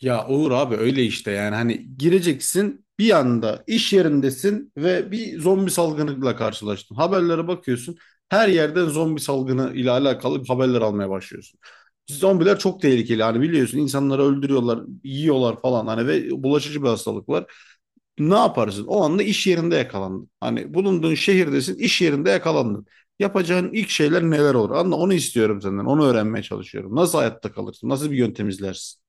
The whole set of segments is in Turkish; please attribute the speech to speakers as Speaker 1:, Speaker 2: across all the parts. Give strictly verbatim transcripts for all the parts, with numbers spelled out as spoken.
Speaker 1: Ya olur abi öyle işte yani hani gireceksin bir anda iş yerindesin ve bir zombi salgınıyla karşılaştın. Haberlere bakıyorsun her yerden zombi salgını ile alakalı haberler almaya başlıyorsun. Zombiler çok tehlikeli hani biliyorsun insanları öldürüyorlar, yiyorlar falan hani ve bulaşıcı bir hastalık var. Ne yaparsın? O anda iş yerinde yakalandın. Hani bulunduğun şehirdesin iş yerinde yakalandın. Yapacağın ilk şeyler neler olur? Anla onu istiyorum senden onu öğrenmeye çalışıyorum. Nasıl hayatta kalırsın? Nasıl bir yöntem izlersin?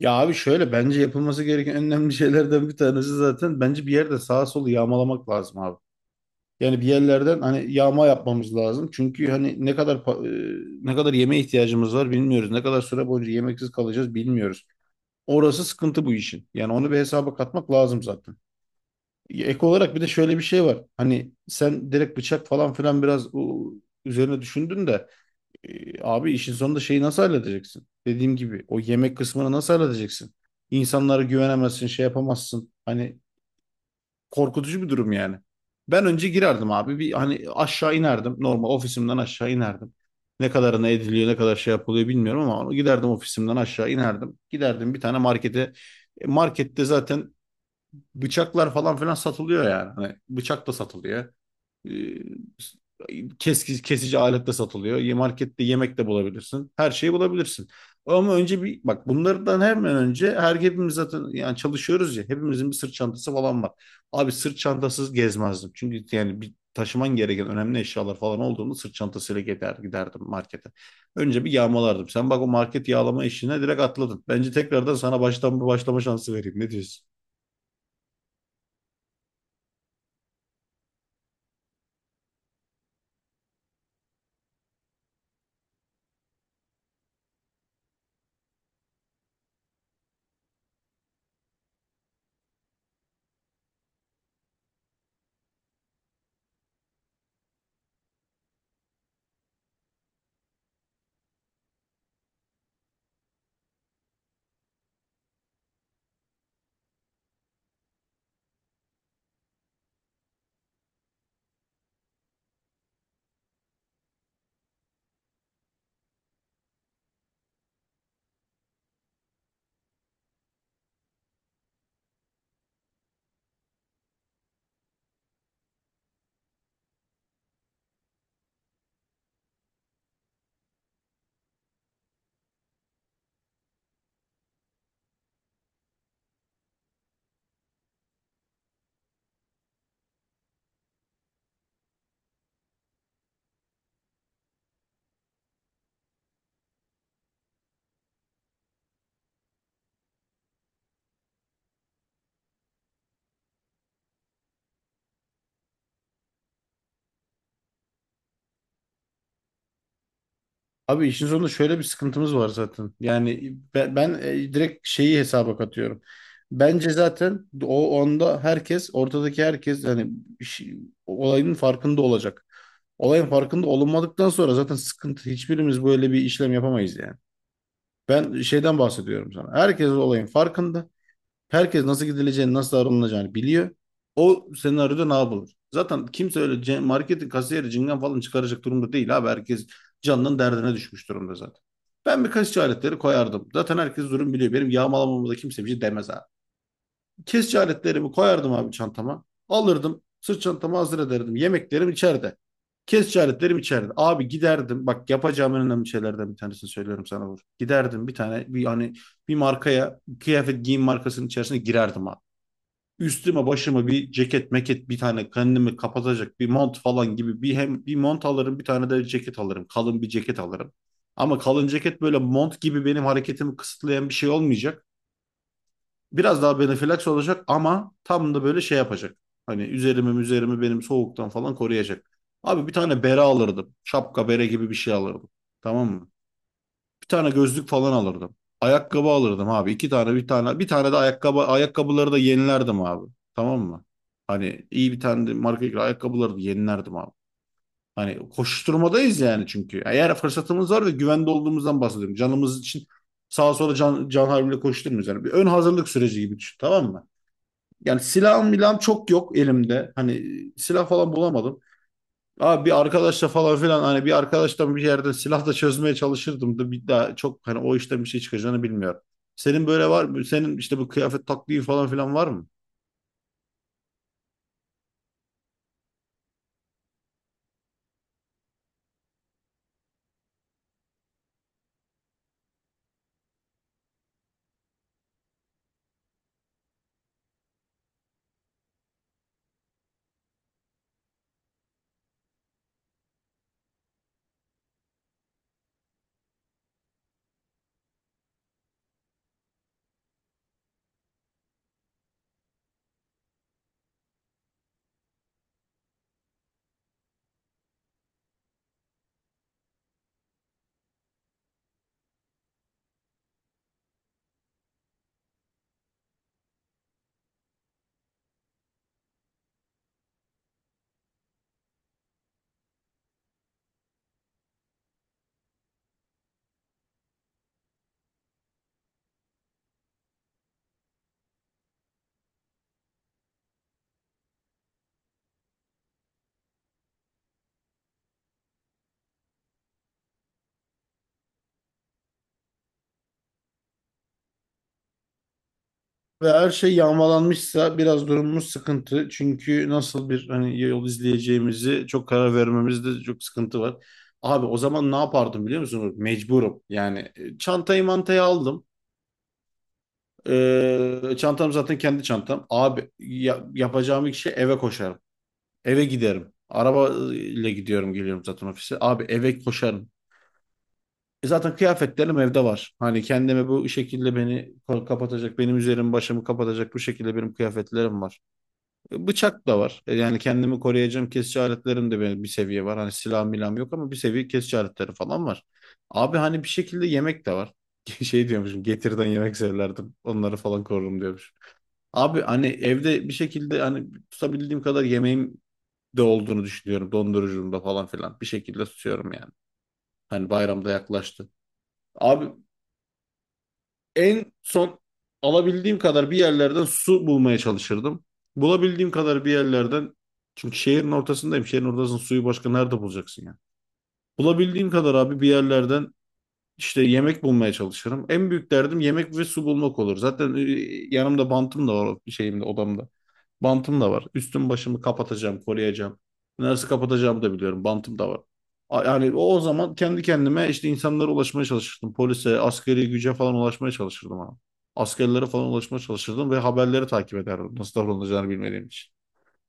Speaker 1: Ya abi şöyle bence yapılması gereken en önemli şeylerden bir tanesi zaten bence bir yerde sağa solu yağmalamak lazım abi. Yani bir yerlerden hani yağma yapmamız lazım. Çünkü hani ne kadar pa- e, ne kadar yemeğe ihtiyacımız var bilmiyoruz. Ne kadar süre boyunca yemeksiz kalacağız bilmiyoruz. Orası sıkıntı bu işin. Yani onu bir hesaba katmak lazım zaten. Ek olarak bir de şöyle bir şey var. Hani sen direkt bıçak falan filan biraz o, üzerine düşündün de e, abi işin sonunda şeyi nasıl halledeceksin? Dediğim gibi o yemek kısmını nasıl halledeceksin? İnsanlara güvenemezsin, şey yapamazsın. Hani korkutucu bir durum yani. Ben önce girerdim abi. Bir hani aşağı inerdim. Normal ofisimden aşağı inerdim. Ne kadarına ediliyor, ne kadar şey yapılıyor bilmiyorum ama giderdim ofisimden aşağı inerdim. Giderdim bir tane markete. E, Markette zaten bıçaklar falan filan satılıyor yani. Hani bıçak da satılıyor. E, kesici, kesici alet de satılıyor. Ye- Markette yemek de bulabilirsin. Her şeyi bulabilirsin. Ama önce bir bak bunlardan hemen önce her hepimiz zaten yani çalışıyoruz ya hepimizin bir sırt çantası falan var. Abi sırt çantasız gezmezdim. Çünkü yani bir taşıman gereken önemli eşyalar falan olduğunda sırt çantasıyla gider, giderdim markete. Önce bir yağmalardım. Sen bak o market yağlama işine direkt atladın. Bence tekrardan sana baştan bir başlama şansı vereyim. Ne diyorsun? Abi işin sonunda şöyle bir sıkıntımız var zaten. Yani ben, ben e, direkt şeyi hesaba katıyorum. Bence zaten o onda herkes, ortadaki herkes yani işi- olayın farkında olacak. Olayın farkında olunmadıktan sonra zaten sıkıntı. Hiçbirimiz böyle bir işlem yapamayız yani. Ben şeyden bahsediyorum sana. Herkes olayın farkında. Herkes nasıl gidileceğini, nasıl davranılacağını biliyor. O senaryoda ne yapılır? Zaten kimse öyle ce- marketin kasiyeri cingen falan çıkaracak durumda değil abi. Herkes canının derdine düşmüş durumda zaten. Ben bir kaşık aletleri koyardım. Zaten herkes durum biliyor. Benim yağmalamama da kimse bir şey demez abi. Kesici aletlerimi koyardım abi çantama. Alırdım. Sırt çantamı hazır ederdim. Yemeklerim içeride. Kesici aletlerim içeride. Abi giderdim. Bak yapacağım en önemli şeylerden bir tanesini söylüyorum sana Uğur. Giderdim bir tane bir hani bir markaya, kıyafet giyim markasının içerisine girerdim abi. Üstüme başıma bir ceket meket bir tane kendimi kapatacak bir mont falan gibi bir hem bir mont alırım, bir tane de ceket alırım. Kalın bir ceket alırım. Ama kalın ceket böyle mont gibi benim hareketimi kısıtlayan bir şey olmayacak. Biraz daha benefilaksi olacak ama tam da böyle şey yapacak. Hani üzerimi üzerimi benim soğuktan falan koruyacak. Abi bir tane bere alırdım. Şapka bere gibi bir şey alırdım. Tamam mı? Bir tane gözlük falan alırdım. Ayakkabı alırdım abi. İki tane bir tane bir tane de ayakkabı ayakkabıları da yenilerdim abi. Tamam mı? Hani iyi bir tane de marka ayakkabıları da yenilerdim abi. Hani koşturmadayız yani çünkü. Eğer fırsatımız var ve güvende olduğumuzdan bahsediyorum. Canımız için sağa sola can, can havliyle koşturmuyoruz. Yani bir ön hazırlık süreci gibi düşün, tamam mı? Yani silahım milahım çok yok elimde. Hani silah falan bulamadım. Abi bir arkadaşla falan filan hani bir arkadaştan bir yerden silah da çözmeye çalışırdım da bir daha çok hani o işten bir şey çıkacağını bilmiyorum. Senin böyle var mı? Senin işte bu kıyafet taktiği falan filan var mı? Ve her şey yağmalanmışsa biraz durumumuz sıkıntı. Çünkü nasıl bir hani yol izleyeceğimizi çok, karar vermemizde çok sıkıntı var. Abi o zaman ne yapardım biliyor musun? Mecburum. Yani e, çantayı mantayı aldım. Ee, çantam zaten kendi çantam. Abi ya- yapacağım ilk şey eve koşarım. Eve giderim. Araba ile gidiyorum geliyorum zaten ofise. Abi eve koşarım. E zaten kıyafetlerim evde var. Hani kendime bu şekilde beni ko- kapatacak, benim üzerimi başımı kapatacak bu şekilde benim kıyafetlerim var. E, Bıçak da var. E, yani kendimi koruyacağım kesici aletlerim de benim bir seviye var. Hani silah milam yok ama bir seviye kesici aletleri falan var. Abi hani bir şekilde yemek de var. Şey diyormuşum, getirden yemek severdim. Onları falan korurum diyormuşum. Abi hani evde bir şekilde hani tutabildiğim kadar yemeğim de olduğunu düşünüyorum. Dondurucumda falan filan. Bir şekilde tutuyorum yani. Hani bayramda yaklaştı. Abi en son alabildiğim kadar bir yerlerden su bulmaya çalışırdım. Bulabildiğim kadar bir yerlerden, çünkü şehrin ortasındayım. Şehrin ortasının suyu başka nerede bulacaksın yani? Bulabildiğim kadar abi bir yerlerden İşte yemek bulmaya çalışırım. En büyük derdim yemek ve su bulmak olur. Zaten e, yanımda bantım da var, şeyimde, odamda. Bantım da var. Üstüm başımı kapatacağım, koruyacağım. Neresi kapatacağımı da biliyorum. Bantım da var. A- Yani o o zaman kendi kendime işte insanlara ulaşmaya çalışırdım. Polise, askeri güce falan ulaşmaya çalışırdım ama. Askerlere falan ulaşmaya çalışırdım ve haberleri takip ederdim. Nasıl davranılacağını bilmediğim için.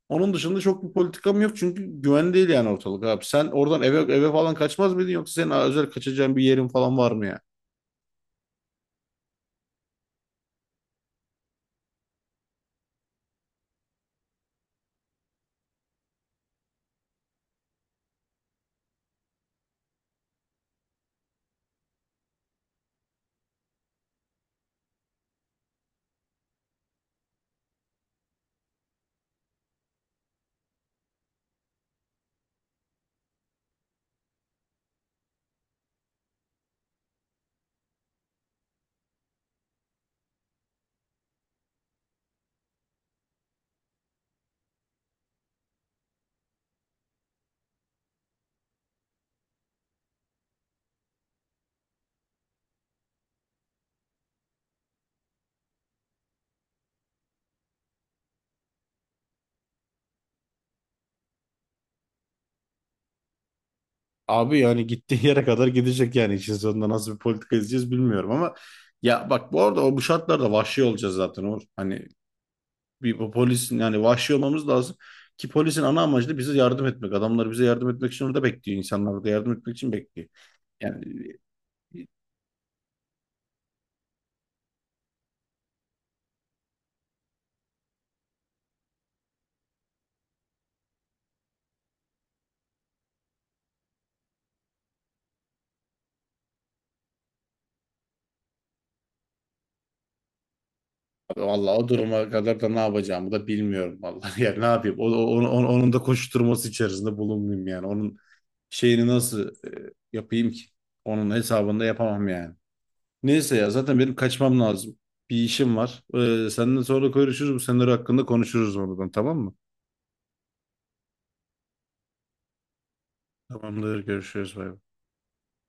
Speaker 1: Onun dışında çok bir politikam yok çünkü güven değil yani ortalık abi. Sen oradan eve eve falan kaçmaz mıydın, yoksa senin özel kaçacağın bir yerin falan var mı yani? Abi yani gittiği yere kadar gidecek yani. İşin sonunda nasıl bir politika izleyeceğiz bilmiyorum ama ya bak, bu arada o bu şartlarda vahşi olacağız zaten Uğur. Hani bir bu polisin yani vahşi olmamız lazım ki polisin ana amacı da bize yardım etmek. Adamlar bize yardım etmek için orada bekliyor. İnsanlar orada yardım etmek için bekliyor. Yani abi vallahi o duruma kadar da ne yapacağımı da bilmiyorum vallahi. Yani ne yapayım? O, o- onu- onu- onun da koşturması içerisinde bulunmayayım yani. Onun şeyini nasıl e, yapayım ki? Onun hesabını da yapamam yani. Neyse ya zaten benim kaçmam lazım. Bir işim var. Ee, seninle sonra görüşürüz. Bu senaryo hakkında konuşuruz oradan, tamam mı? Tamamdır, görüşürüz, bay bay.